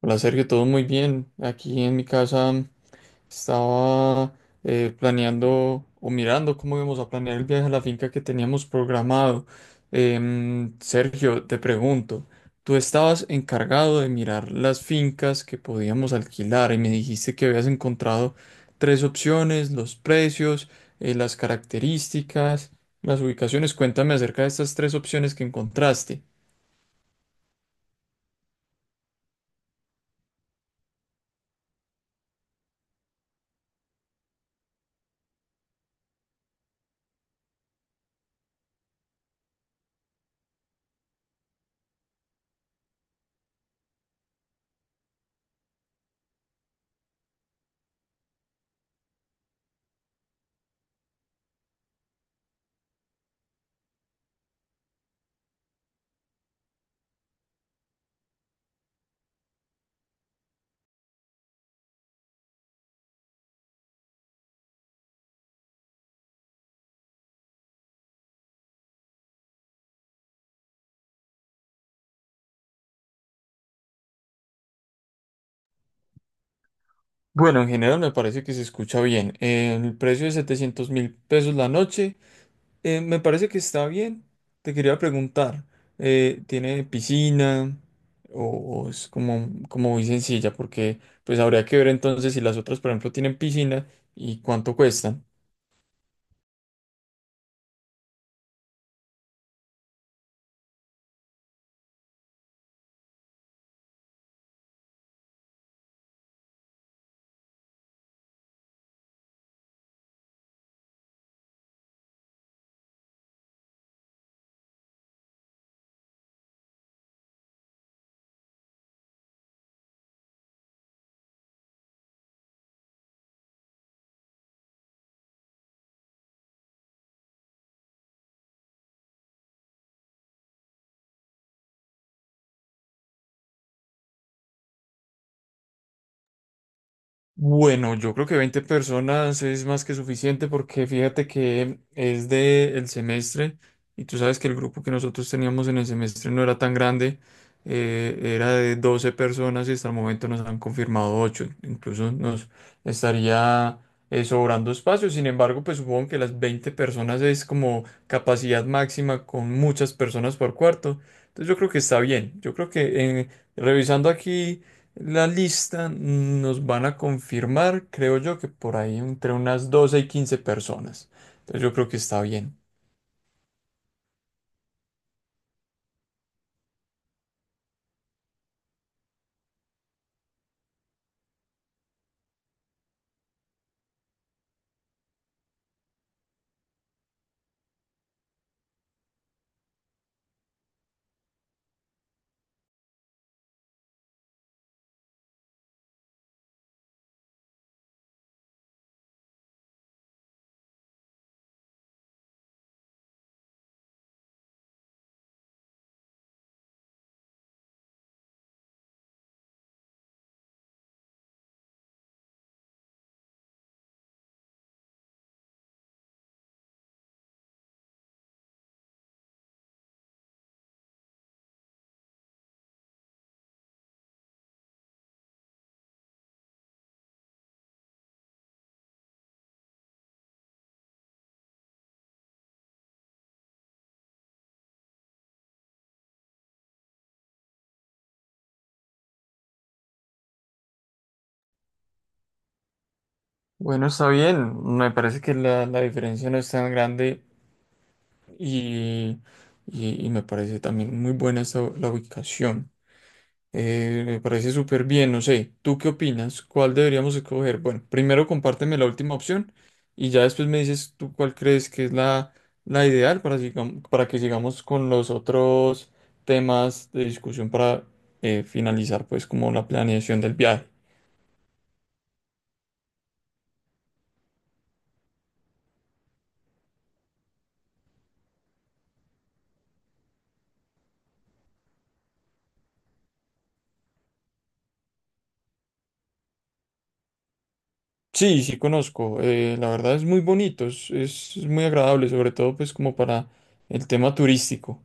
Hola Sergio, todo muy bien. Aquí en mi casa, mm, estaba planeando o mirando cómo íbamos a planear el viaje a la finca que teníamos programado. Sergio, te pregunto, tú estabas encargado de mirar las fincas que podíamos alquilar y me dijiste que habías encontrado tres opciones, los precios, las características, las ubicaciones. Cuéntame acerca de estas tres opciones que encontraste. Bueno, en general me parece que se escucha bien. El precio de $700.000 la noche, me parece que está bien. Te quería preguntar, ¿tiene piscina o, o es como, como muy sencilla? Porque pues habría que ver entonces si las otras, por ejemplo, tienen piscina y cuánto cuestan. Bueno, yo creo que 20 personas es más que suficiente porque fíjate que es de el semestre y tú sabes que el grupo que nosotros teníamos en el semestre no era tan grande, era de 12 personas y hasta el momento nos han confirmado 8, incluso nos estaría sobrando espacio. Sin embargo, pues supongo que las 20 personas es como capacidad máxima con muchas personas por cuarto, entonces yo creo que está bien. Yo creo que, revisando aquí, la lista nos van a confirmar, creo yo, que por ahí entre unas 12 y 15 personas. Entonces yo creo que está bien. Bueno, está bien. Me parece que la diferencia no es tan grande y, y me parece también muy buena esa, la ubicación. Me parece súper bien, no sé. ¿Tú qué opinas? ¿Cuál deberíamos escoger? Bueno, primero compárteme la última opción y ya después me dices tú cuál crees que es la ideal para para que sigamos con los otros temas de discusión para finalizar pues como la planeación del viaje. Sí, sí conozco. La verdad es muy bonito, es muy agradable, sobre todo pues como para el tema turístico.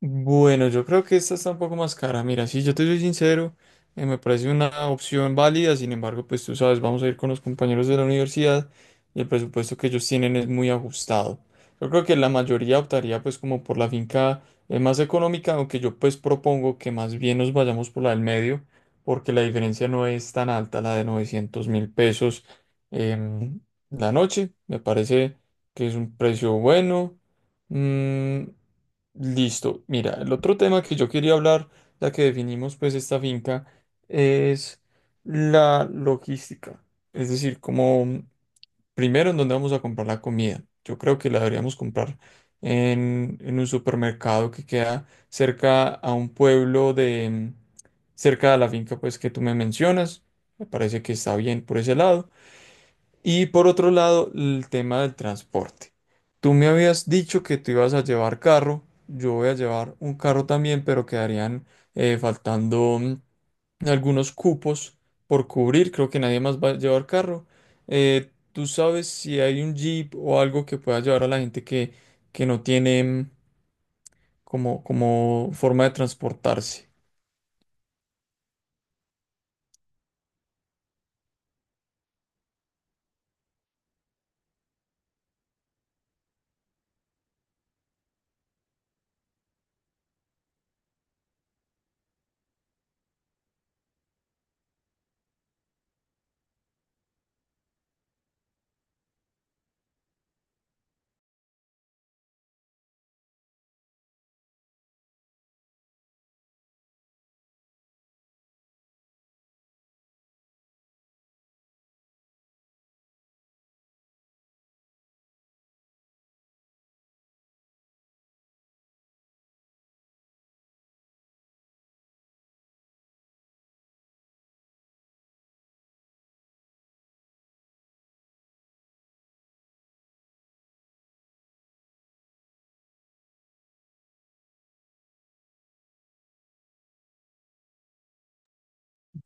Bueno, yo creo que esta está un poco más cara. Mira, si yo te soy sincero, me parece una opción válida. Sin embargo, pues tú sabes, vamos a ir con los compañeros de la universidad y el presupuesto que ellos tienen es muy ajustado. Yo creo que la mayoría optaría pues como por la finca más económica, aunque yo pues propongo que más bien nos vayamos por la del medio, porque la diferencia no es tan alta, la de $900.000 em, la noche. Me parece que es un precio bueno. Mm, Listo. Mira, el otro tema que yo quería hablar, ya que definimos pues esta finca, es la logística. Es decir, como, primero en dónde vamos a comprar la comida. Yo creo que la deberíamos comprar en un supermercado que queda cerca a un pueblo de, cerca de la finca pues que tú me mencionas. Me parece que está bien por ese lado. Y por otro lado, el tema del transporte. Tú me habías dicho que tú ibas a llevar carro, yo voy a llevar un carro también, pero quedarían eh, faltando mm, algunos cupos por cubrir. Creo que nadie más va a llevar carro. ¿Tú sabes si hay un Jeep o algo que pueda llevar a la gente que no tiene, como forma de transportarse?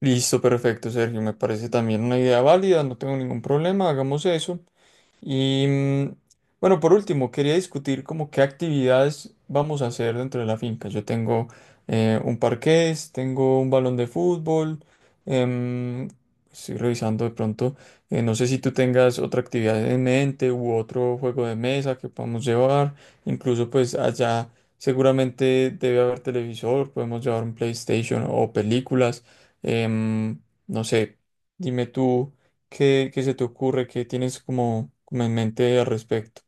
Listo, perfecto, Sergio. Me parece también una idea válida, no tengo ningún problema, hagamos eso. Y mm, bueno, por último, quería discutir como qué actividades vamos a hacer dentro de la finca. Yo tengo un parqués, tengo un balón de fútbol, em, estoy revisando de pronto, no sé si tú tengas otra actividad en mente u otro juego de mesa que podamos llevar. Incluso pues allá seguramente debe haber televisor, podemos llevar un PlayStation o películas. em, no sé, dime tú. ¿Qué se te ocurre? ¿Qué tienes como, como en mente al respecto?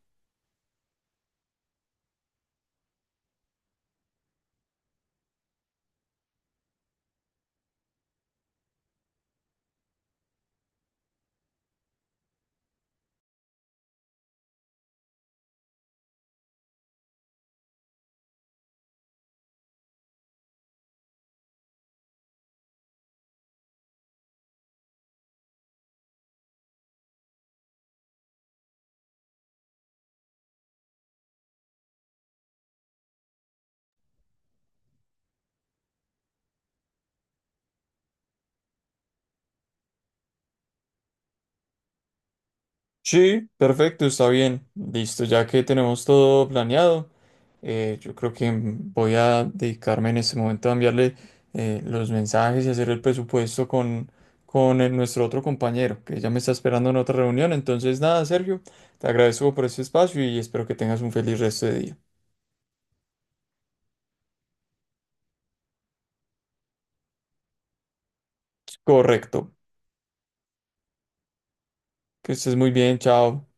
Sí, perfecto, está bien. Listo, ya que tenemos todo planeado, yo creo que, voy a dedicarme en este momento a enviarle los mensajes y hacer el presupuesto con, nuestro otro compañero, que ya me está esperando en otra reunión. Entonces, nada, Sergio, te agradezco por este espacio y espero que tengas un feliz resto de día. Correcto, que estés muy bien, chao.